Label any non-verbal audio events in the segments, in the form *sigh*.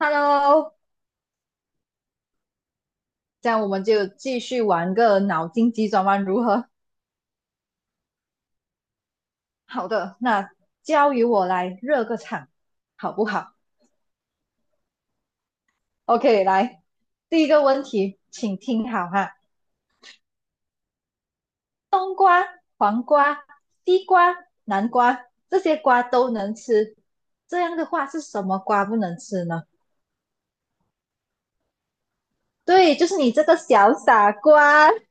Hello，这样我们就继续玩个脑筋急转弯，如何？好的，那交由我来热个场，好不好？OK，来，第一个问题，请听好哈。冬瓜、黄瓜、西瓜、南瓜，这些瓜都能吃，这样的话是什么瓜不能吃呢？对，就是你这个小傻瓜。*laughs*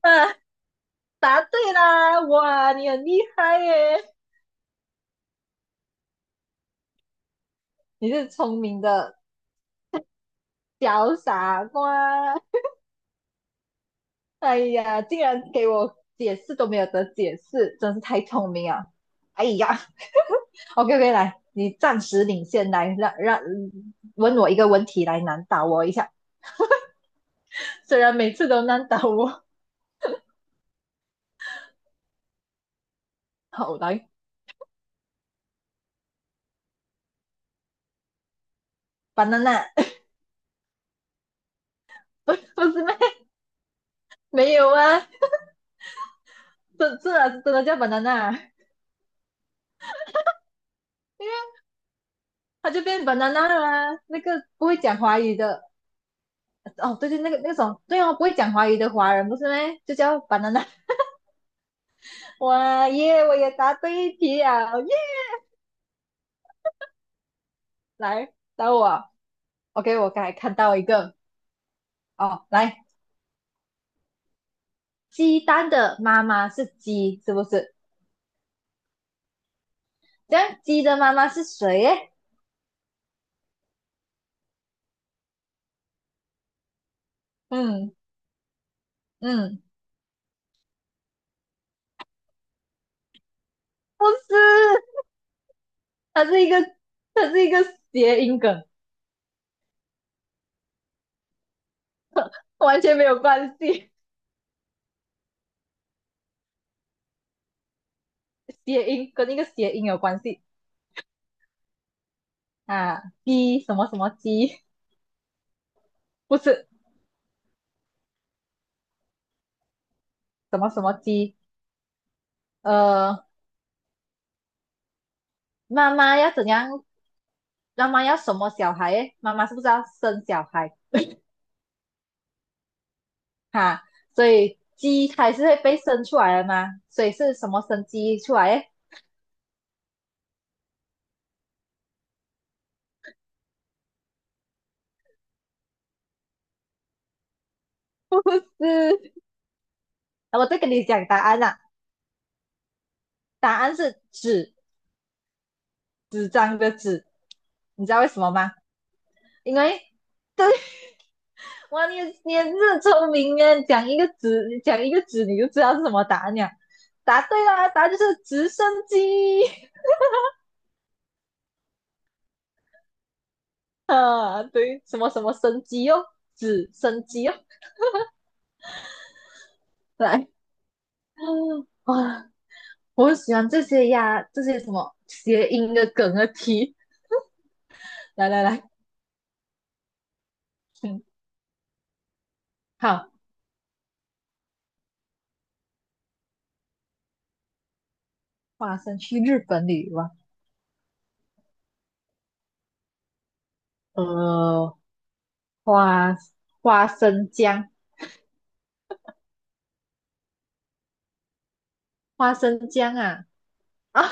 啊，答对啦！哇，你很厉害耶，你是聪明的小傻瓜。哎呀，竟然给我解释都没有得解释，真是太聪明啊！哎呀，OK OK，来，你暂时领先，来让问我一个问题来难倒我一下。虽然每次都难倒我，好来，banana 不是咩？没有啊，这次啊真的叫 banana，啊因为他就变 banana 了啊，那个不会讲华语的，哦对对，那个那种对哦，不会讲华语的华人不是咩？就叫 banana。哇耶，我也答对一题啊，耶！来，等我，OK，我刚才看到一个哦，来，鸡蛋的妈妈是鸡，是不是？这样鸡的妈妈是谁耶？嗯嗯，不是，它是一个，它是一个谐音梗，完全没有关系，谐音跟那个谐音有关系啊，鸡什么什么鸡，不是什么什么鸡，呃，妈妈要怎样？妈妈要什么小孩耶？妈妈是不是要生小孩？哈，所以鸡它是会被生出来的嘛，所以是什么生鸡出来的。 *laughs* 不是，*laughs* 我再跟你讲答案啦，答案是纸，纸张的纸，你知道为什么吗？因为，对，哇，你你也是聪明啊，讲一个纸，你讲一个纸，你就知道是什么答案了。答对啦，答案就是直升机。 *laughs* 啊，对，什么什么升机哦，直升机哦，来，*gasps* *sighs* 哇。我很喜欢这些呀，这些什么谐音的梗的题。来来来，嗯，好，花生去日本旅游啊，呃，花花生酱，花生酱啊，啊，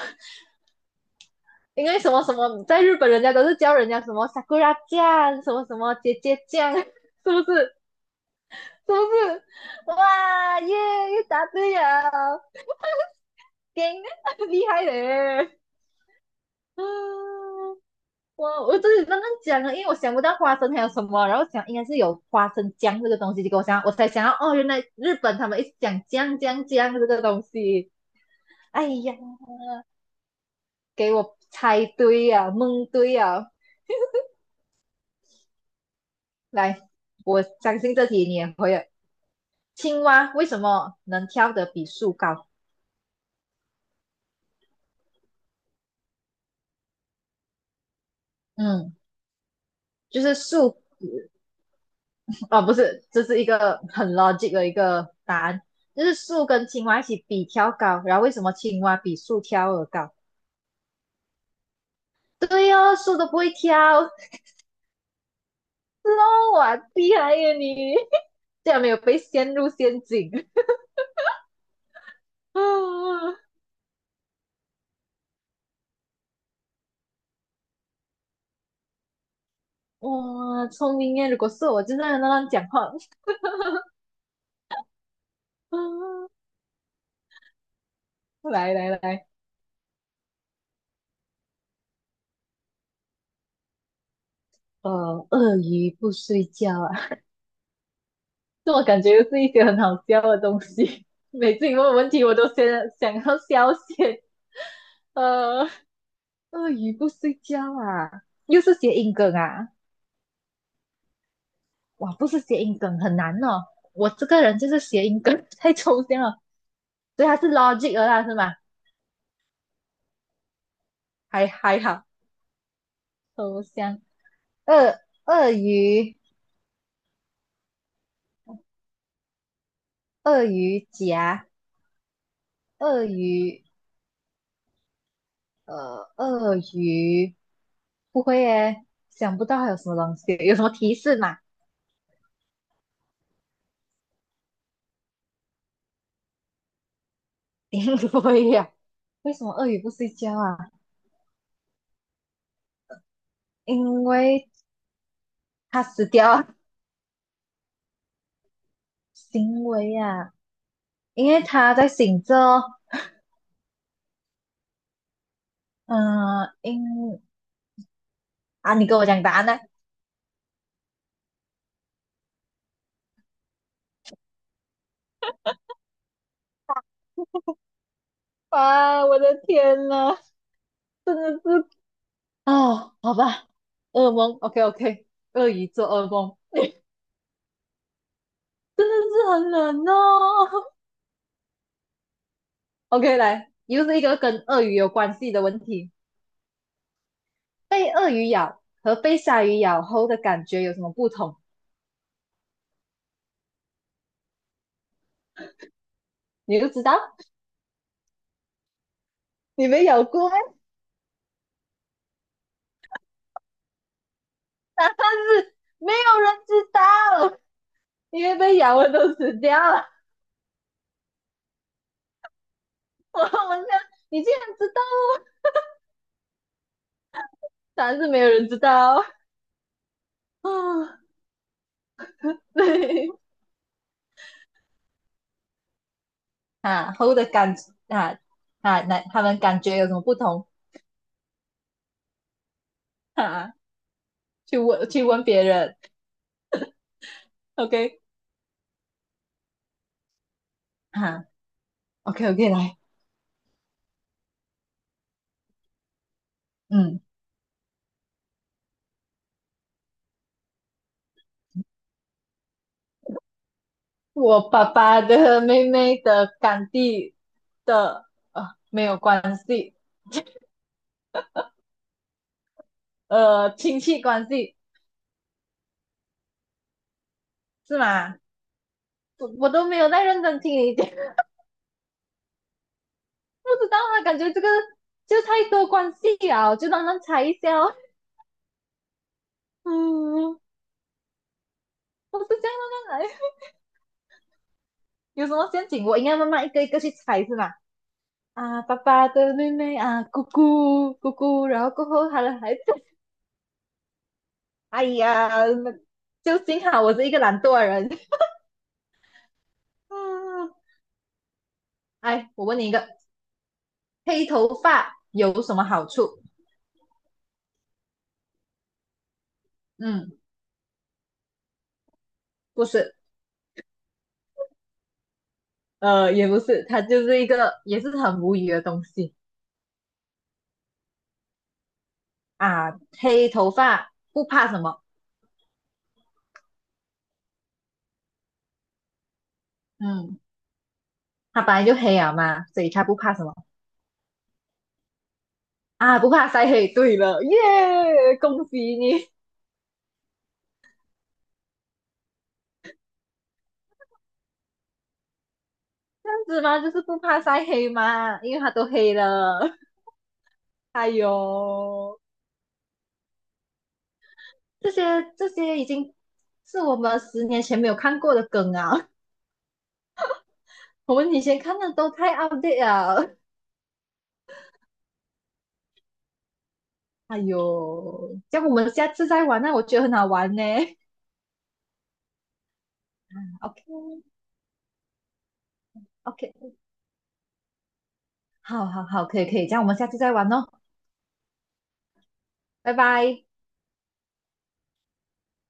因为什么什么，在日本人家都是叫人家什么 sakura 酱，什么什么姐姐酱，*laughs* 是不是？是不是？哇耶，又答对了，天，*laughs* 厉害嘞！*laughs* 嗯，我自己刚刚讲了，因为我想不到花生还有什么，然后想应该是有花生酱这个东西，结果我想我才想到哦，原来日本他们一直讲酱酱酱这个东西。哎呀，给我猜对呀、蒙对呀！来，我相信这题你也会了。青蛙为什么能跳得比树高？嗯，就是树哦，不是，这是一个很 logic 的一个答案，就是树跟青蛙一起比跳高，然后为什么青蛙比树跳得高？对哦，树都不会跳，是哦，哇，厉害耶你！*laughs* 竟然没有被陷入陷阱。 *laughs* 啊！哇，聪明耶！如果是我，就在那乱讲话。 *laughs* 啊！来来来，呃，鳄鱼不睡觉啊，*laughs* 这我感觉又是一些很好笑的东西。*laughs* 每次你问我问题，我都先想要笑先。*laughs* 呃，鳄鱼不睡觉啊，又是谐音梗啊！哇，不是谐音梗，很难哦。我这个人就是谐音梗太抽象了，所以它是 logic 了啦，是吗？还好，头香，鳄鳄鱼鳄鱼夹鳄鱼呃鳄鱼，不会耶，想不到还有什么东西，有什么提示吗？*laughs* 不会呀、为什么鳄鱼不睡觉啊？因为它死掉啊，行为啊，因为它在醒着哦，啊，你跟我讲答案呢？啊，我的天呐，真的是哦，好吧，噩梦，OK OK，鳄鱼做噩梦，真的是很冷哦。*laughs* OK，来，又是一个跟鳄鱼有关系的问题，被鳄鱼咬和被鲨鱼咬后的感觉有什么不同？你都知道，你没咬过咩，答案是没有人知道，因为被咬的都死掉了。*laughs* 我想你竟然知道哦，答案是没有人知道。*laughs* 啊，对，*laughs* 啊，后的感啊，啊，那他们感觉有什么不同？*laughs* 哈，去问别人。OK，哈，OK OK，来，嗯，我爸爸的 *laughs* 妹妹的干弟的，呃没有关系，呃亲戚关系是吗？我都没有在认真听你讲，不知道啊，感觉这个就太多关系了，我就慢慢猜一下哦。嗯，我是这样慢慢来，有什么陷阱我应该慢慢一个一个去猜是吗？啊，爸爸的妹妹啊，姑姑，然后过后他的孩子，哎呀，那就幸好我是一个懒惰的人。*laughs* 嗯，哎，我问你一个，黑头发有什么好处？嗯，不是，呃，也不是，它就是一个也是很无语的东西啊。黑头发不怕什么？嗯，它本来就黑啊嘛，所以它不怕什么啊？不怕晒黑。对了，耶，恭喜你！这样子嘛，就是不怕晒黑嘛，因为它都黑了。哎呦。这些这些已经是我们10年前没有看过的梗啊，*laughs* 我们以前看的都太 outdate 了。哎呦，这样我们下次再玩那我觉得很好玩呢。OK OK，好好好，可以可以，这样我们下次再玩哦，拜拜。